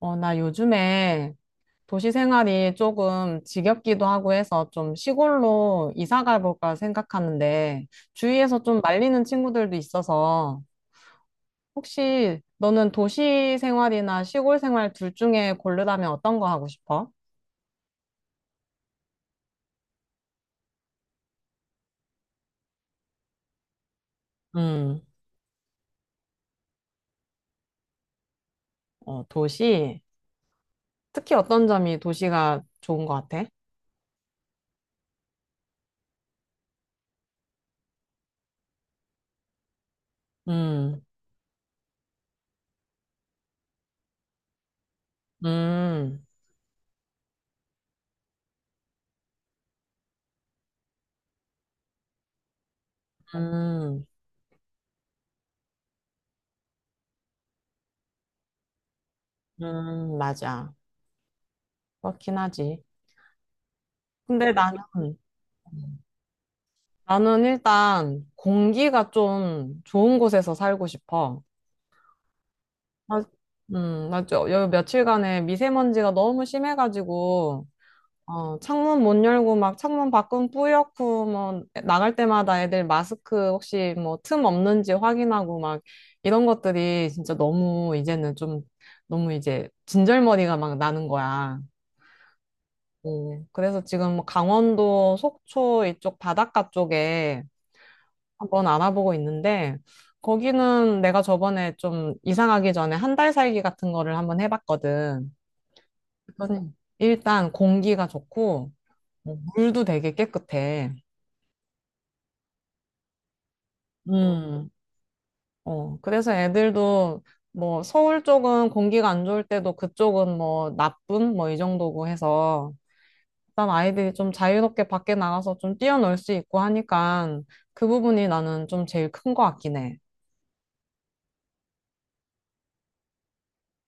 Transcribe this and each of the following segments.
나 요즘에 도시 생활이 조금 지겹기도 하고 해서 좀 시골로 이사 가볼까 생각하는데 주위에서 좀 말리는 친구들도 있어서 혹시 너는 도시 생활이나 시골 생활 둘 중에 고르라면 어떤 거 하고 싶어? 음. 어, 도시. 특히 어떤 점이 도시가 좋은 것 같아? 음, 음, 음, 맞아. 그렇긴 하지. 근데 나는, 나는 일단 공기가 좀 좋은 곳에서 살고 싶어. 아, 맞죠. 요 며칠간에 미세먼지가 너무 심해가지고, 창문 못 열고 막 창문 밖은 뿌옇고, 뭐, 나갈 때마다 애들 마스크 혹시 뭐 틈 없는지 확인하고 막 이런 것들이 진짜 너무 이제는 좀 너무 이제 진절머리가 막 나는 거야. 어, 그래서 지금 뭐 강원도 속초 이쪽 바닷가 쪽에 한번 알아보고 있는데, 거기는 내가 저번에 좀 이사가기 전에 한 달 살기 같은 거를 한번 해봤거든. 그 일단 공기가 좋고, 뭐 물도 되게 깨끗해. 음, 어, 그래서 애들도 뭐 서울 쪽은 공기가 안 좋을 때도 그쪽은 뭐 나쁨 뭐 이 정도고 해서 일단 아이들이 좀 자유롭게 밖에 나가서 좀 뛰어놀 수 있고 하니까 그 부분이 나는 좀 제일 큰 것 같긴 해.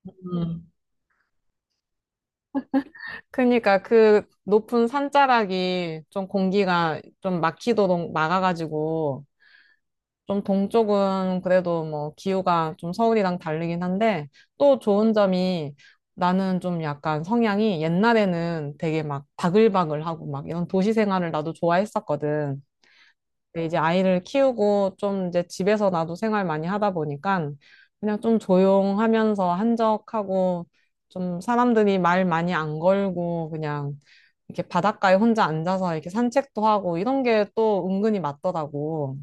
음. 그러니까 그 높은 산자락이 좀 공기가 좀 막히도록 막아가지고 좀 동쪽은 그래도 뭐 기후가 좀 서울이랑 다르긴 한데 또 좋은 점이 나는 좀 약간 성향이 옛날에는 되게 막 바글바글하고 막 이런 도시 생활을 나도 좋아했었거든. 근데 이제 아이를 키우고 좀 이제 집에서 나도 생활 많이 하다 보니까 그냥 좀 조용하면서 한적하고 좀 사람들이 말 많이 안 걸고 그냥 이렇게 바닷가에 혼자 앉아서 이렇게 산책도 하고 이런 게 또 은근히 맞더라고.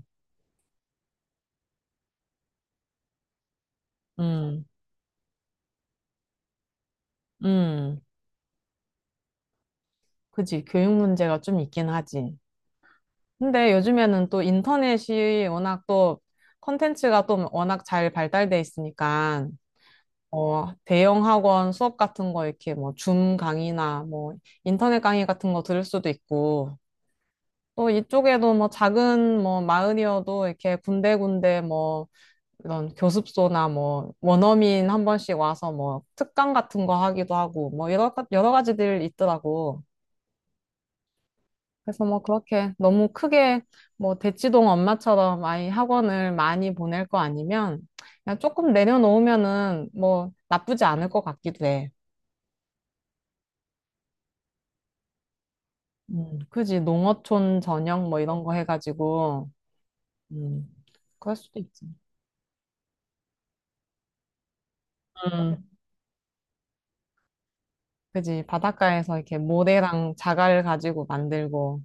음, 음, 그지. 교육 문제가 좀 있긴 하지. 근데 요즘에는 또 인터넷이 워낙 또 컨텐츠가 또 워낙 잘 발달돼 있으니까 대형 학원 수업 같은 거 이렇게 뭐 줌 강의나 뭐 인터넷 강의 같은 거 들을 수도 있고 또 이쪽에도 뭐 작은 뭐 마을이어도 이렇게 군데군데 뭐 이런 교습소나 뭐 원어민 한 번씩 와서 뭐 특강 같은 거 하기도 하고 뭐 여러, 여러 가지들 있더라고. 그래서 뭐 그렇게 너무 크게 뭐 대치동 엄마처럼 아이 학원을 많이 보낼 거 아니면 그냥 조금 내려놓으면은 뭐 나쁘지 않을 것 같기도 해. 그지. 농어촌 저녁 뭐 이런 거 해가지고. 음, 그럴 수도 있지. 음, 그지. 바닷가에서 이렇게 모래랑 자갈 가지고 만들고.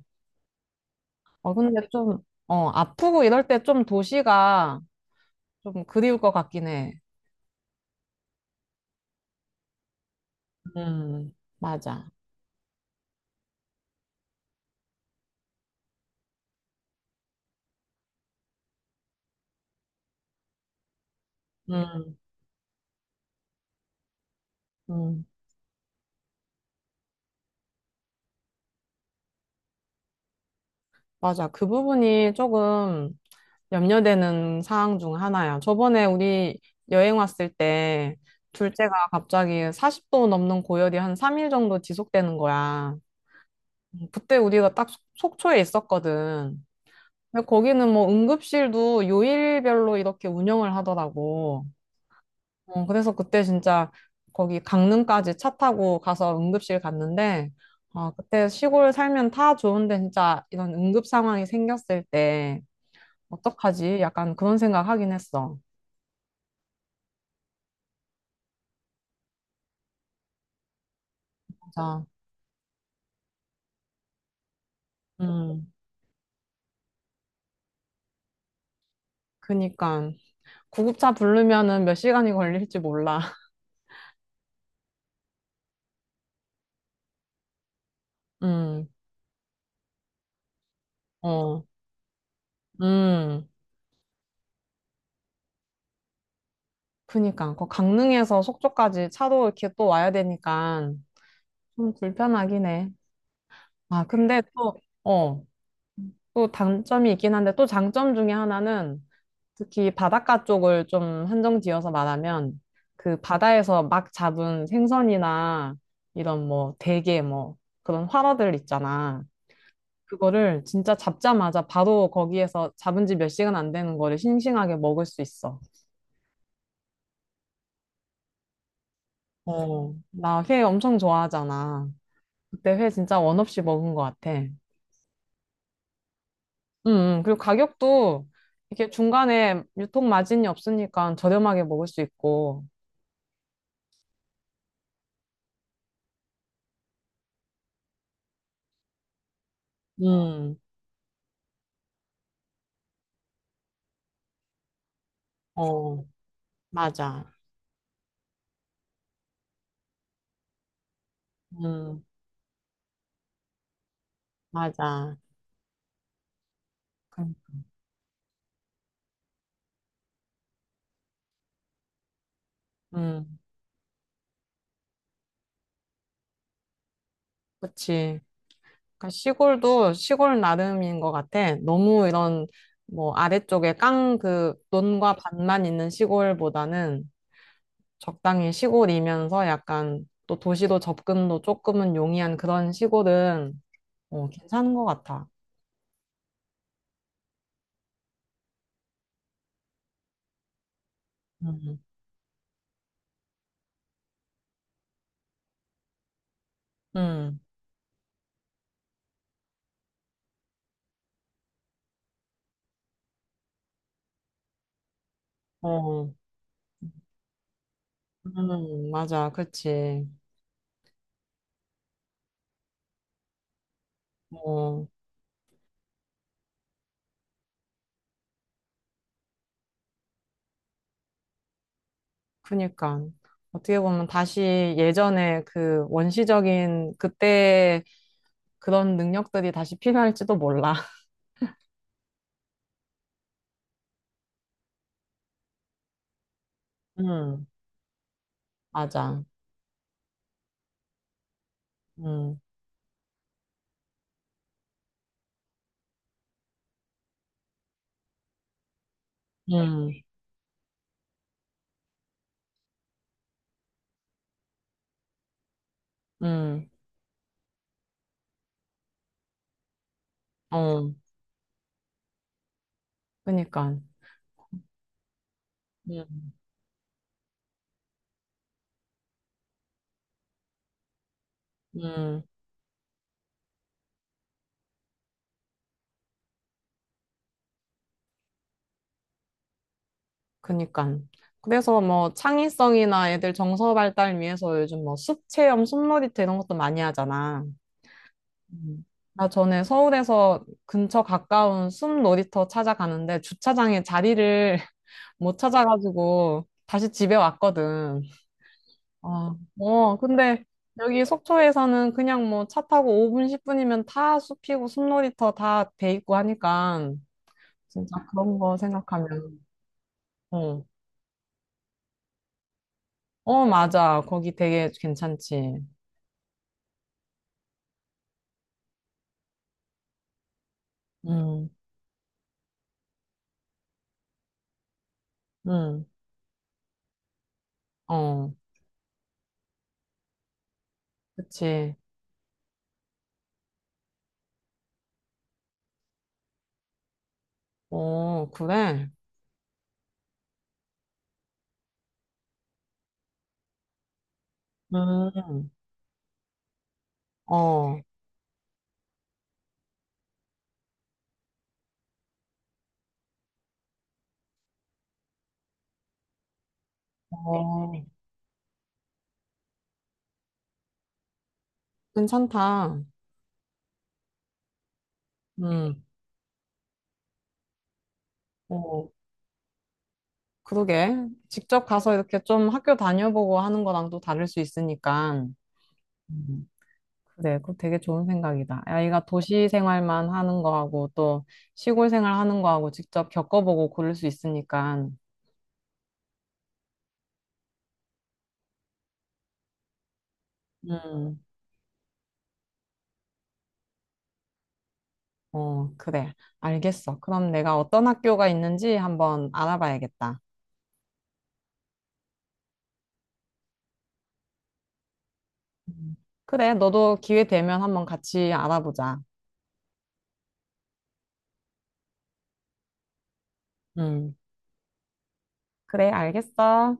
어, 근데 좀, 어, 아프고 이럴 때 좀 도시가 좀 그리울 것 같긴 해. 음, 맞아. 음, 음, 맞아. 그 부분이 조금 염려되는 사항 중 하나야. 저번에 우리 여행 왔을 때 둘째가 갑자기 40도 넘는 고열이 한 3일 정도 지속되는 거야. 그때 우리가 딱 속초에 있었거든. 근데 거기는 뭐 응급실도 요일별로 이렇게 운영을 하더라고. 그래서 그때 진짜 거기 강릉까지 차 타고 가서 응급실 갔는데, 그때 시골 살면 다 좋은데 진짜 이런 응급 상황이 생겼을 때 어떡하지? 약간 그런 생각 하긴 했어. 맞아. 음, 그니까. 구급차 부르면은 몇 시간이 걸릴지 몰라. 음, 어, 음. 그니까 그 강릉에서 속초까지 차로 이렇게 또 와야 되니까 좀 불편하긴 해. 아, 근데 또, 어, 또 단점이 있긴 한데 또 장점 중에 하나는 특히 바닷가 쪽을 좀 한정 지어서 말하면 그 바다에서 막 잡은 생선이나 이런 뭐 대게 뭐 그런 활어들 있잖아. 그거를 진짜 잡자마자 바로 거기에서 잡은 지 몇 시간 안 되는 거를 싱싱하게 먹을 수 있어. 어, 나 회 엄청 좋아하잖아. 그때 회 진짜 원 없이 먹은 것 같아. 응, 응. 그리고 가격도 이게 중간에 유통 마진이 없으니까 저렴하게 먹을 수 있고. 음, 어, 맞아. 음, 맞아. 그, 음, 그치. 그러니까 시골도 시골 나름인 것 같아. 너무 이런 뭐 아래쪽에 깡 그 논과 밭만 있는 시골보다는 적당히 시골이면서 약간 또 도시도 접근도 조금은 용이한 그런 시골은 어, 괜찮은 것 같아. 음, 음, 어, 맞아, 그치. 어, 그니까. 어떻게 보면 다시 예전에 그 원시적인 그때 그런 능력들이 다시 필요할지도 몰라. 음, 맞아. 음, 음, 음, 어, 그니까. 음, 음, 그니까. 그래서 뭐 창의성이나 애들 정서 발달 위해서 요즘 뭐 숲 체험, 숲놀이터 이런 것도 많이 하잖아. 음. 나 전에 서울에서 근처 가까운 숨 놀이터 찾아가는데 주차장에 자리를 못 찾아가지고 다시 집에 왔거든. 아, 어, 어, 근데 여기 속초에서는 그냥 뭐 차 타고 5분, 10분이면 다 숲이고 숨 놀이터 다 돼 있고 하니까 진짜 그런 거 생각하면, 어, 어, 맞아. 거기 되게 괜찮지. 음, 음, 어, 그치. 어, 그래. 음, 어, 어. 괜찮다. 음, 어, 그러게. 직접 가서 이렇게 좀 학교 다녀보고 하는 거랑 또 다를 수 있으니까. 음, 그래, 그거 되게 좋은 생각이다. 아이가 도시 생활만 하는 거하고 또 시골 생활 하는 거하고 직접 겪어보고 고를 수 있으니까. 음, 어, 그래. 알겠어. 그럼 내가 어떤 학교가 있는지 한번 알아봐야겠다. 음, 그래, 너도 기회 되면 한번 같이 알아보자. 음, 그래, 알겠어.